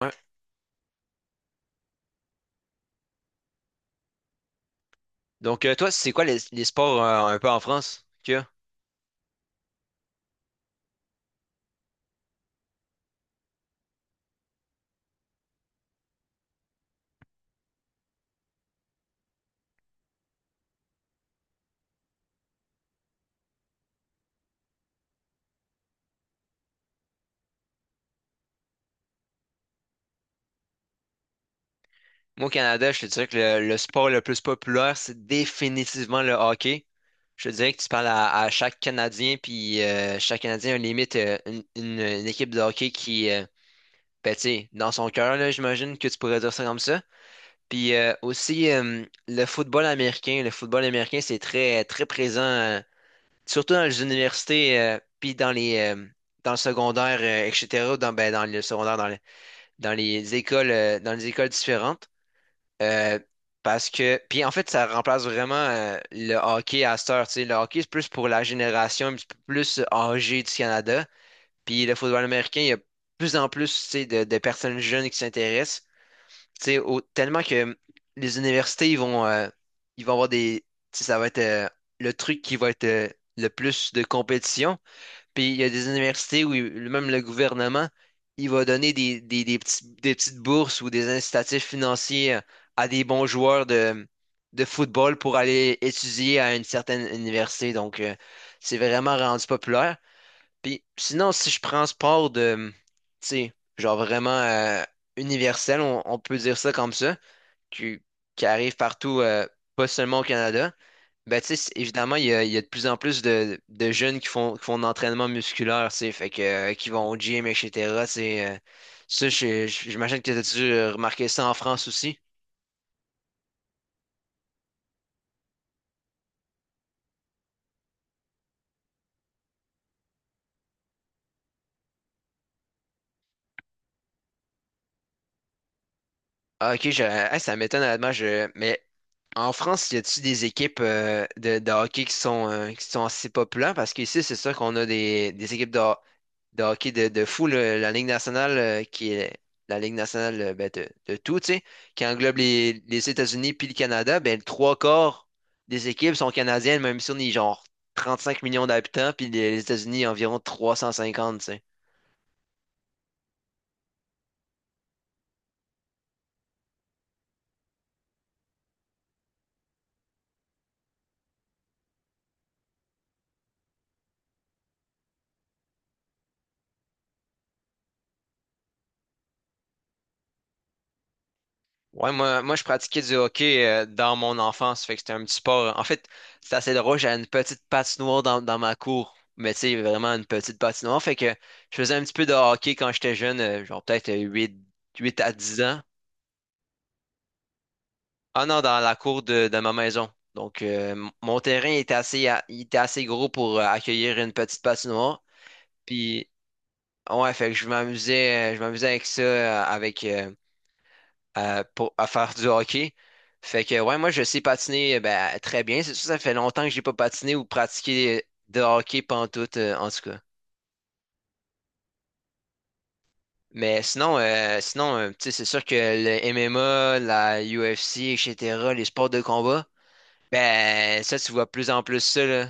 Ouais. Donc, toi, c'est quoi les sports un peu en France qu'il y a? Moi, au Canada, je te dirais que le sport le plus populaire, c'est définitivement le hockey. Je te dirais que tu parles à chaque Canadien, puis chaque Canadien a limite une équipe de hockey qui, ben, tu sais, dans son cœur, là, j'imagine que tu pourrais dire ça comme ça. Puis aussi, le football américain. Le football américain, c'est très, très présent, surtout dans les universités, puis dans les, dans le secondaire, etc., dans, ben, dans le secondaire, dans les écoles différentes. euh, Parce que, puis en fait, ça remplace vraiment le hockey à cette heure, tu sais. Le hockey, c'est plus pour la génération un petit peu plus âgée du Canada. Puis le football américain, il y a de plus en plus, tu sais, de personnes jeunes qui s'intéressent. Tu sais, tellement que les universités, ils vont avoir des. Tu sais, ça va être le truc qui va être le plus de compétition. Puis il y a des universités où même le gouvernement, il va donner des petites bourses ou des incitatifs financiers à des bons joueurs de football pour aller étudier à une certaine université. Donc, c'est vraiment rendu populaire. Puis sinon, si je prends sport de, tu sais, genre vraiment universel, on peut dire ça comme ça, qui, qui arrive partout, pas seulement au Canada. Ben, tu sais, évidemment, il y a de plus en plus de jeunes qui font de l'entraînement musculaire, tu sais, fait que, qui vont au gym, etc. C'est, ça, j'imagine que tu dû remarquer ça en France aussi. Ah, ok, hey, ça m'étonne, honnêtement, mais en France, y a t il des équipes de hockey qui sont assez populaires? Parce qu'ici, c'est sûr qu'on a des équipes de hockey de fou, là, la Ligue nationale, qui est la Ligue nationale ben, de tout, tu sais, qui englobe les États-Unis puis le Canada, ben, le trois quarts des équipes sont canadiennes, même si on est genre 35 millions d'habitants, puis les États-Unis environ 350, tu sais. Ouais, moi, je pratiquais du hockey dans mon enfance, fait que c'était un petit sport. En fait, c'est assez drôle, j'avais une petite patinoire dans ma cour, mais tu sais, vraiment une petite patinoire, fait que je faisais un petit peu de hockey quand j'étais jeune, genre peut-être huit à 10 ans. Ah non, dans la cour de ma maison. Donc, mon terrain était assez, il était assez gros pour accueillir une petite patinoire. Puis, ouais, fait que je m'amusais avec ça, avec, pour, à faire du hockey. Fait que, ouais, moi, je sais patiner, ben, très bien. C'est sûr, ça fait longtemps que j'ai pas patiné ou pratiqué de hockey pantoute, en tout cas. Mais sinon, tu sais, c'est sûr que le MMA, la UFC, etc., les sports de combat, ben, ça, tu vois plus en plus ça, là.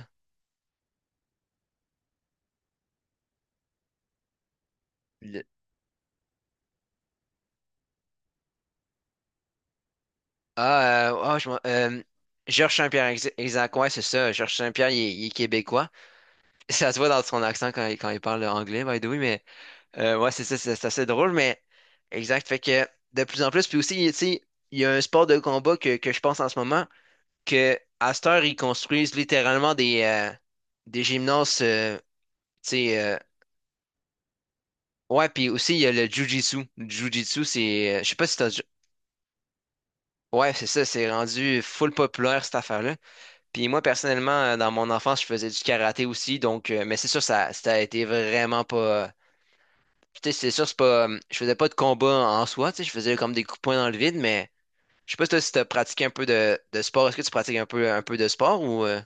Ah, ah, Georges Saint-Pierre, exact, ouais, c'est ça. Georges Saint-Pierre, il est québécois. Ça se voit dans son accent quand il parle anglais, by the way, mais ouais, c'est ça, c'est assez drôle, mais exact. Fait que de plus en plus, puis aussi, tu sais, il y a un sport de combat que je pense en ce moment, que à cette heure, ils construisent littéralement des gymnases, tu sais, ouais, puis aussi, il y a le Jiu-Jitsu. Le Jiu-Jitsu, c'est, je sais pas si t'as, déjà- ouais, c'est ça, c'est rendu full populaire, cette affaire-là. Puis moi, personnellement, dans mon enfance, je faisais du karaté aussi, donc, mais c'est sûr, ça a été vraiment pas. Tu sais, c'est sûr, c'est pas. Je faisais pas de combat en soi, tu sais, je faisais comme des coups de poing dans le vide, mais je sais pas si toi, si t'as pratiqué un peu de sport. Est-ce que tu pratiques un peu de sport ou.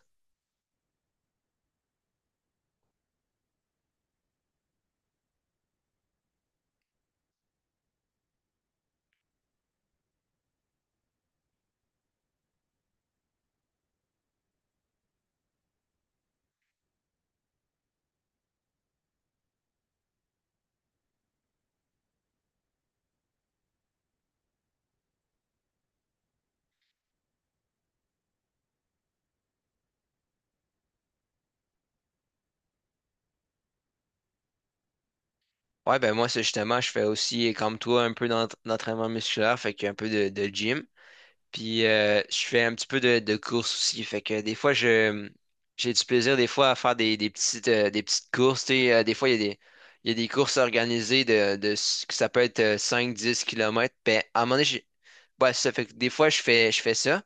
Ouais, ben moi, c'est justement, je fais aussi, comme toi, un peu d'entraînement musculaire, fait qu'un peu de gym. Puis je fais un petit peu de course aussi. Fait que des fois, je j'ai du plaisir des fois à faire des petites courses, tu sais. Des fois, il y a des courses organisées de ce que ça peut être 5, 10 kilomètres. Ben, à un moment donné, ouais, ça fait que des fois, je fais ça.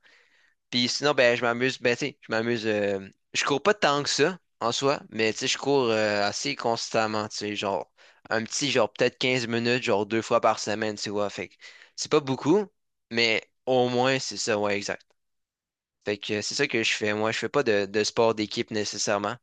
Puis sinon, ben, je m'amuse. Ben, tu sais, je m'amuse. Je cours pas tant que ça, en soi, mais tu sais, je cours assez constamment, tu sais, genre, un petit, genre, peut-être 15 minutes, genre, deux fois par semaine, tu vois. Fait que c'est pas beaucoup, mais au moins, c'est ça, ouais, exact. Fait que c'est ça que je fais. Moi, je fais pas de sport d'équipe nécessairement.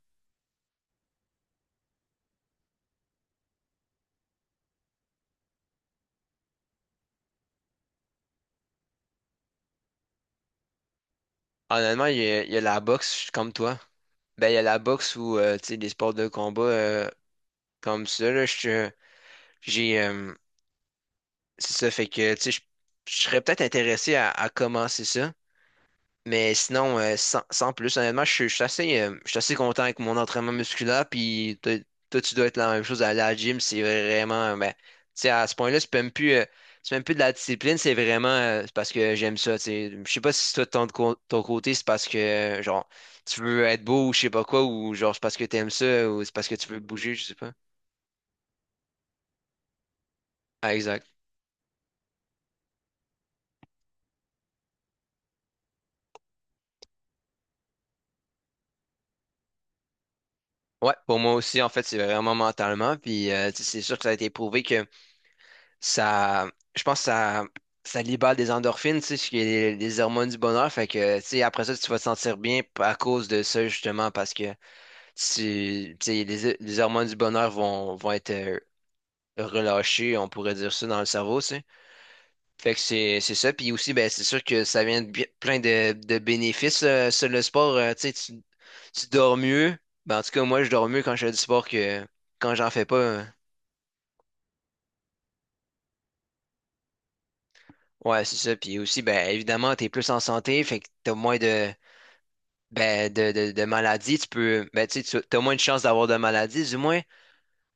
Honnêtement, il y a la boxe, je suis comme toi. Ben, il y a la boxe ou, tu sais, des sports de combat comme ça, là, j'ai, euh, c'est ça, fait que, tu sais, je serais peut-être intéressé à commencer ça. Mais sinon, sans plus, honnêtement, je suis assez content avec mon entraînement musculaire. Puis toi, tu dois être la même chose à la gym. C'est vraiment, ben, tu sais, à ce point-là, c'est même plus de la discipline. C'est vraiment, c'est parce que j'aime ça, tu sais. Je sais pas si toi, de ton côté, c'est parce que, genre, tu veux être beau ou je sais pas quoi, ou genre, c'est parce que t'aimes ça, ou c'est parce que tu veux bouger, je sais pas. Ah, exact. Ouais, pour moi aussi, en fait, c'est vraiment mentalement. Puis, tu sais, c'est sûr que ça a été prouvé ça, je pense que ça libère des endorphines, tu sais, ce qui est les hormones du bonheur. Fait que, tu sais, après ça, tu vas te sentir bien à cause de ça, justement, parce que tu sais, les hormones du bonheur vont être relâchées, on pourrait dire ça, dans le cerveau, tu sais. Fait que c'est ça. Puis aussi, ben, c'est sûr que ça vient plein de bénéfices, sur le sport. Tu sais, tu dors mieux. Ben, en tout cas, moi, je dors mieux quand je fais du sport que quand j'en fais pas, hein. Ouais, c'est ça. Puis aussi, ben, évidemment, t'es plus en santé, fait que t'as moins de ben, de maladie, tu peux. Ben, tu sais, tu as moins de chances d'avoir de maladie, du moins.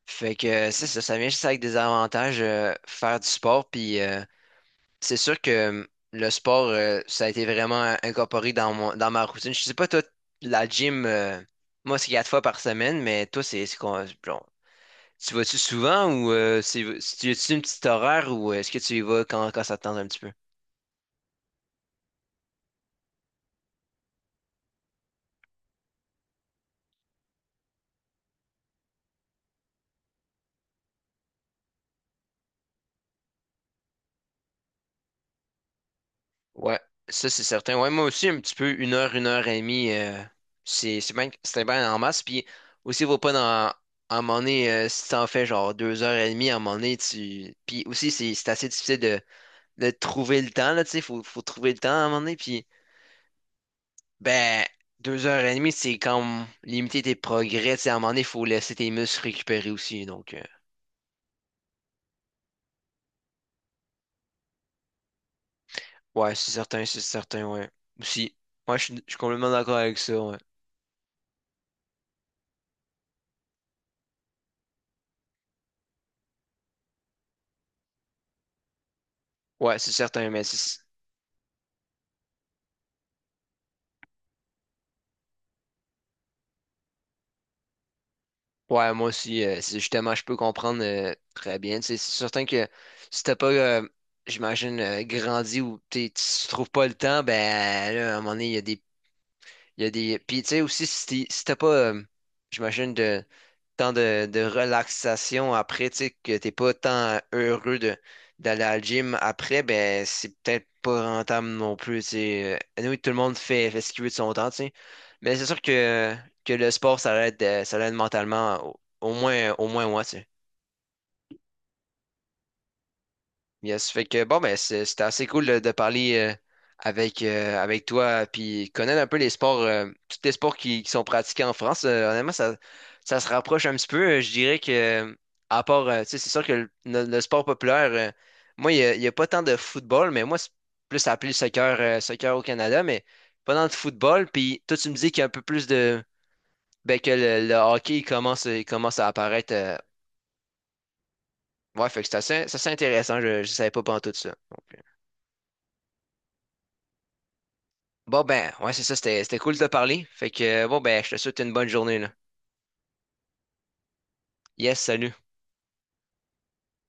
Fait que c'est ça, ça vient juste avec des avantages, faire du sport. Puis c'est sûr que le sport, ça a été vraiment incorporé dans ma routine. Je sais pas, toi, la gym, moi, c'est quatre fois par semaine, mais toi, c'est quoi? Bon, tu vas-tu souvent ou c'est, tu as-tu une petite horaire ou est-ce que tu y vas quand ça te tente un petit peu? Ouais, ça c'est certain. Ouais, moi aussi, un petit peu, 1 heure, 1 heure et demie, c'est bien, c'était bien en masse. Puis aussi, vaut pas dans, à un moment donné, si t'en fais genre 2 heures et demie, à un moment donné, tu. Puis aussi, c'est assez difficile de trouver le temps, là, tu sais, faut trouver le temps à un moment donné. Puis, ben, 2 heures et demie, c'est comme limiter tes progrès, tu sais, à un moment donné, faut laisser tes muscles récupérer aussi. Donc, ouais, c'est certain, ouais. Aussi, moi, je suis complètement d'accord avec ça, ouais. Ouais, c'est certain, mais c'est. Ouais, moi aussi, c'est justement, je peux comprendre très bien. Tu sais, c'est certain que si t'as pas, j'imagine, grandi ou tu trouves pas le temps, ben là, à un moment donné, il y a des. Il y a des... Puis tu sais aussi, si t'as pas, j'imagine, de tant de relaxation après, tu sais, que t'es pas tant heureux d'aller à la gym après, ben c'est peut-être pas rentable non plus, tu sais. Anyway, tout le monde fait ce qu'il veut de son temps, tu sais. Mais c'est sûr que le sport, ça l'aide mentalement, au moins moi, tu sais. Yes, fait que bon, ben c'était assez cool de parler avec toi, puis connaître un peu les sports, tous les sports qui sont pratiqués en France. Honnêtement, ça se rapproche un petit peu. Je dirais que, à part, tu sais, c'est sûr que le sport populaire, moi, il y a pas tant de football, mais moi, c'est plus appelé soccer, soccer au Canada, mais pas tant de football. Puis toi, tu me dis qu'il y a un peu plus de. Ben, que le hockey, il commence à apparaître. Ouais, fait que c'est assez intéressant. Je ne savais pas pendant tout ça. Donc, bon ben, ouais, c'est ça, c'était cool de te parler. Fait que bon ben, je te souhaite une bonne journée là. Yes, salut.